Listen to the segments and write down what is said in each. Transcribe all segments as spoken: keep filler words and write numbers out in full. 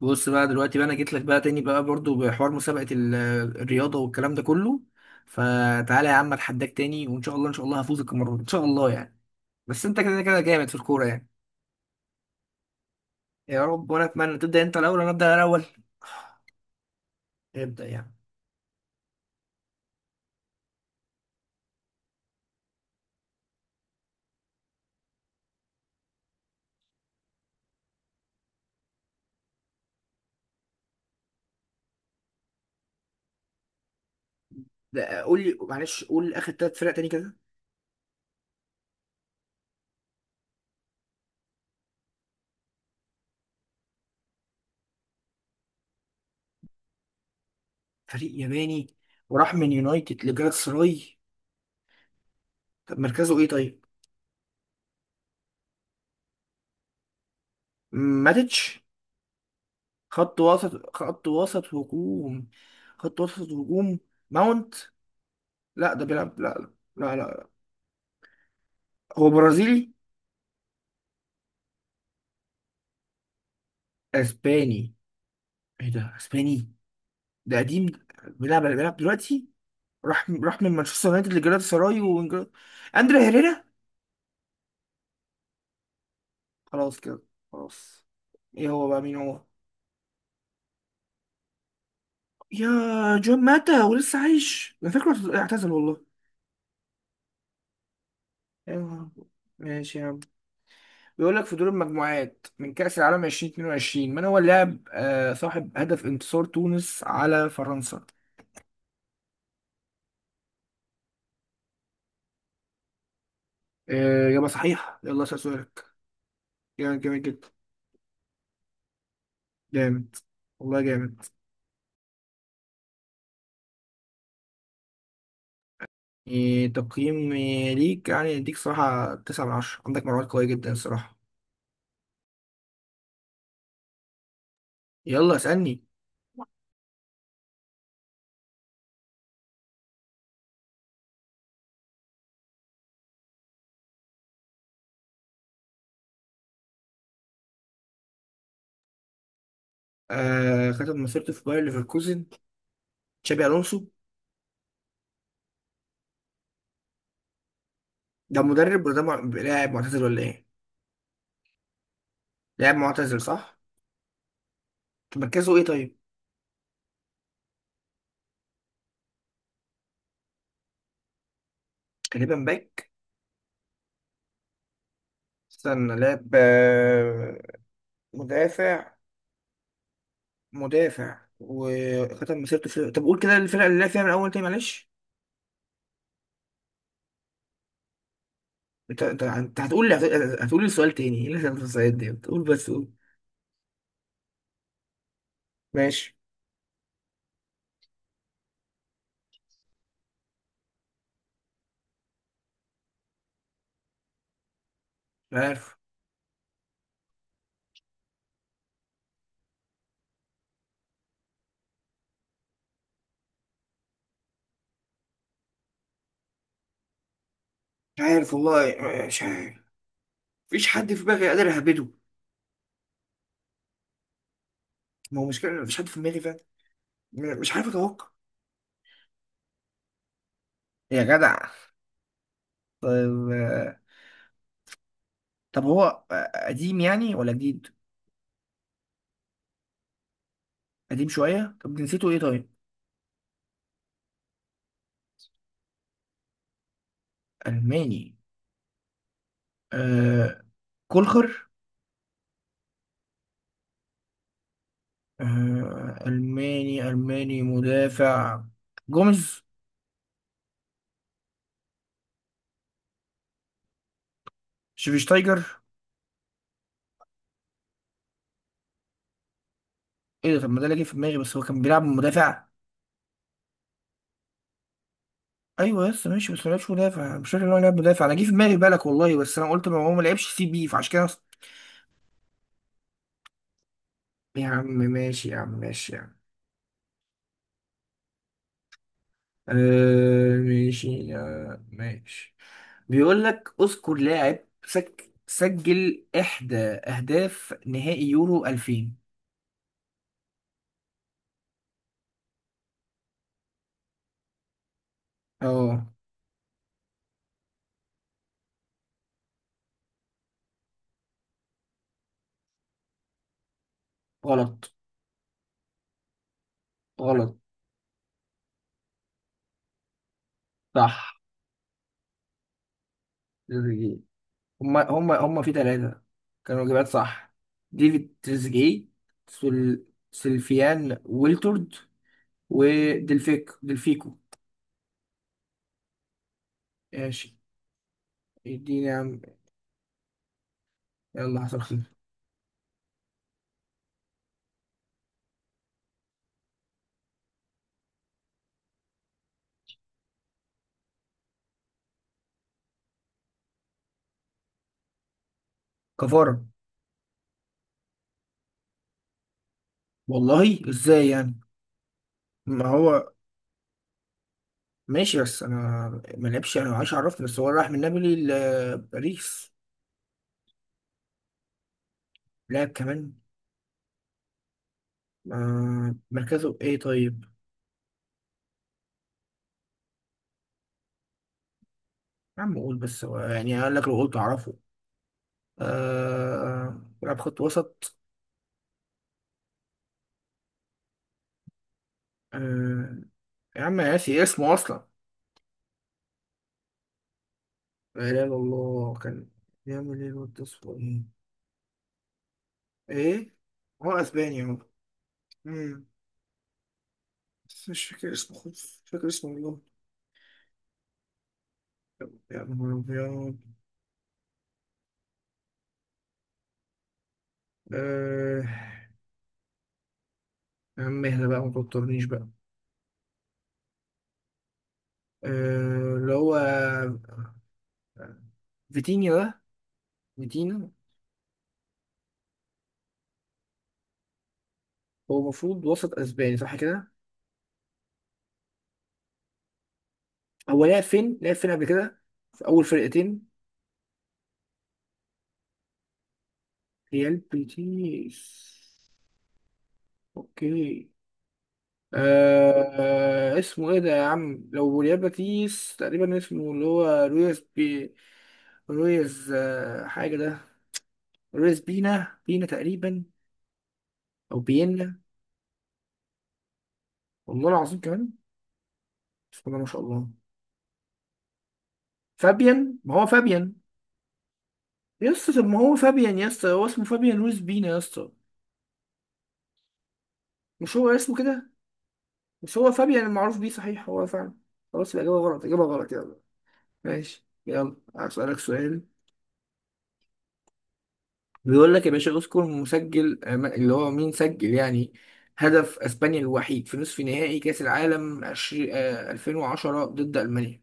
بص بقى، دلوقتي بقى انا جيت لك بقى تاني بقى برضو بحوار مسابقة ال- الرياضة والكلام ده كله. فتعالى يا عم، اتحداك تاني، وان شاء الله ان شاء الله هفوزك المرة دي ان شاء الله يعني. بس انت كده كده جامد في الكورة يعني. يا رب، وانا اتمنى. تبدأ انت الاول ولا ابدأ انا الاول؟ ابدأ يعني. ده قول لي معلش، قول اخر ثلاث فرق تاني كده. فريق ياباني. وراح من يونايتد لجالات سراي. طب مركزه ايه طيب؟ ماتيتش. خط وسط خط وسط هجوم. خط وسط هجوم. ماونت. لا، ده بيلعب، لا لا لا لا. هو برازيلي. اسباني. ايه ده، اسباني؟ ده قديم ده. بيلعب بيلعب دلوقتي. راح راح من مانشستر يونايتد لجلاتا سراي وانجل... اندري هيريرا. خلاص كده. خلاص. ايه هو بقى، مين هو؟ يا، جون ماتا ولسه عايش؟ انا فاكره اعتزل والله. أيوة. ماشي يا عم. بيقول لك، في دور المجموعات من كأس العالم ألفين واثنين وعشرين، من هو اللاعب آه صاحب هدف انتصار تونس على فرنسا؟ آه، إجابة صحيحة، يلا اسأل سؤالك. جامد، جامد جدا. جامد. والله جامد. إيه تقييم إيه ليك يعني؟ اديك صراحة تسعة من عشرة، عندك معلومات قوية جدا الصراحة. يلا اسألني. آه، ختم مسيرته في باير ليفركوزن. تشابي ألونسو. ده مدرب ولا ده مع- لاعب معتزل ولا ايه؟ لاعب معتزل، صح؟ طب مركزه ايه طيب؟ غالبا باك. استنى، لاعب، آه، مدافع. مدافع، وختم مسيرته في... طب قول كده الفرقة اللي لعب فيها من أول تاني، معلش. انت انت انت هتقول لي. هتقول لي السؤال تاني. ايه اللي هتقول السؤال ده؟ قول بس، قول. ماشي. عارف. مش عارف والله، مش عارف. مفيش حد في دماغي قادر اهبده. ما هو مشكلة إن مفيش حد في دماغي فعلا. م- مش عارف اتوقع. يا جدع. طيب. طب هو قديم يعني ولا جديد؟ قديم شوية. طب جنسيته ايه طيب؟ ألماني. آه، كولخر. آه، ألماني، ألماني مدافع. جوميز. شفيشتايجر. ايه ده؟ طب ما ده اللي جه في دماغي، بس هو كان بيلعب مدافع. ايوه يس ماشي. بس ما لعبش مدافع، مش فاكر ان هو لعب مدافع. انا جه في دماغي بالك والله، بس انا قلت ما هو ما لعبش سي بي فعشان كده. يا عم ماشي، يا عم ماشي يا عم. آه ماشي يا... ماشي. بيقول لك، اذكر لاعب سك سجل احدى اهداف نهائي يورو ألفين. اه. غلط. غلط. صح، تريزيجيه. هما هما هما في ثلاثة. كانوا إجابات صح. ديفيد تريزيجيه. سل... سلفيان ويلتورد. ودلفيك دلفيكو. ماشي. اديني يا عم. يلا، حصل خير. كفارة. والله ازاي يعني؟ ما هو. ماشي بس انا... ما لعبش، انا عايش، عرفني بس هو راح من نابولي لباريس. لعب كمان. آه، مركزه ايه طيب؟ يا عم قول بس، هو يعني قال لك لو قلت اعرفه. آه، لعب خط وسط. آه. يا عم، أنا ناسي اسمه اصلا. لا اله الا الله، كان بيعمل ايه الواد ده؟ اسمه ايه؟ ايه. هو اسباني اهو. مم. بس مش فاكر اسمه خالص، مش فاكر اسمه والله. يا نهار ابيض. آه. يا عم اهدى بقى، ما توترنيش بقى. آه، اللي هو فيتينيا ده، فيتينيا. هو المفروض وسط اسباني، صح كده؟ هو لعب فين، لعب فين قبل كده؟ في اول فرقتين. ريال بيتيس. اوكي. آه آه، اسمه ايه ده يا عم؟ لو ريال بيتيس تقريبا اسمه اللي هو، رويز بي، رويز آه حاجه ده، رويز بينا، بينا تقريبا. او بينا. والله العظيم كمان. بسم الله ما شاء الله. فابيان، ما هو فابيان. يا اسطى طب ما هو فابيان يا اسطى، هو اسمه فابيان لويس بينا يا اسطى. مش هو اسمه كده؟ مش هو فابيان المعروف بيه، صحيح؟ هو فعلا. خلاص، الإجابة غلط، إجابة غلط، يلا. ماشي، يلا هسألك سؤال. بيقول لك يا باشا، اذكر مسجل آه، ما- اللي هو مين سجل يعني هدف اسبانيا الوحيد في نصف نهائي كأس العالم عشرين آه، ألفين وعشرة ضد ألمانيا.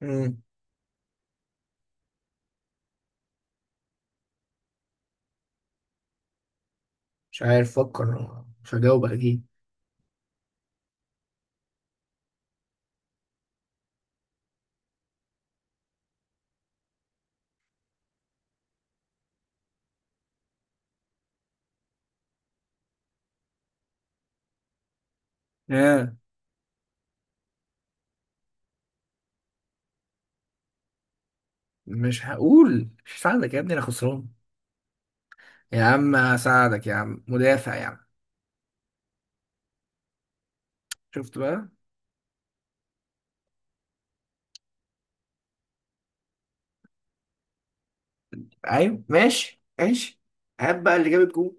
مم. مش عارف، فكر. مش هجاوب اكيد. اه. مش هقول، مش هساعدك يا ابني، انا خسران. يا عم هساعدك يا عم، مدافع يا عم. شفت بقى. ايوه، ماشي ماشي. هات بقى اللي جاب الجون.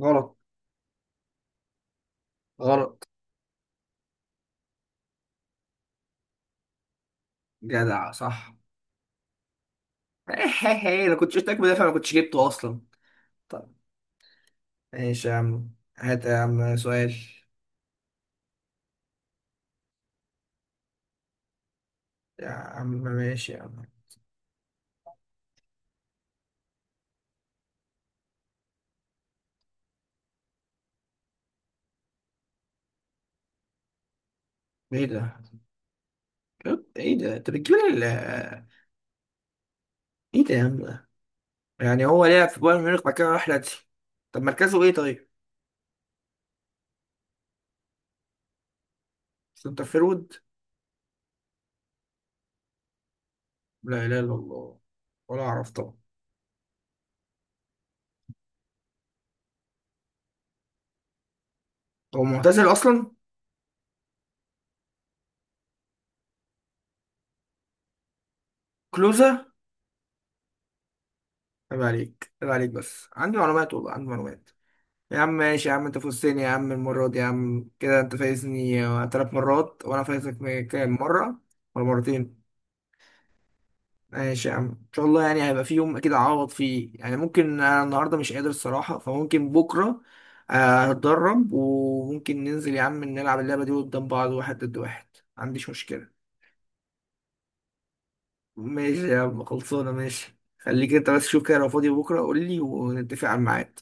غلط. غلط. جدع، صح. انا كنت شفتك مدافع، ما كنتش جبته اصلا. طب، ماشي يا عم. هات يا عم سؤال. يا عم ماشي يا عم. ايه ده؟ ايه ده انت بتجيب لي ال- ايه ده يا عم ده؟ يعني هو لعب في بايرن ميونخ بعد كده راح لاتسيو. طب مركزه ايه طيب؟ سنتر فيرود. لا اله الا الله. ولا اعرف طبعا. هو معتزل اصلا؟ كلوزا. عيب عليك، عيب عليك، بس عندي معلومات والله، عندي معلومات. يا عم ماشي يا عم، انت فزتني يا عم المرة دي يا عم، كده انت فايزني ثلاث مرات وانا فايزك م- كام مرة؟ ولا مرتين؟ ماشي يا عم، ان شاء الله يعني هيبقى في يوم اكيد اعوض فيه يعني، ممكن انا النهاردة مش قادر الصراحة، فممكن بكرة آه، هتدرب، وممكن ننزل يا عم نلعب اللعبة دي قدام بعض واحد ضد واحد. ما عنديش مشكلة. ماشي يا عم، خلصانة، ماشي، خليك انت بس شوف كده لو فاضي بكرة قول لي ونتفق على الميعاد.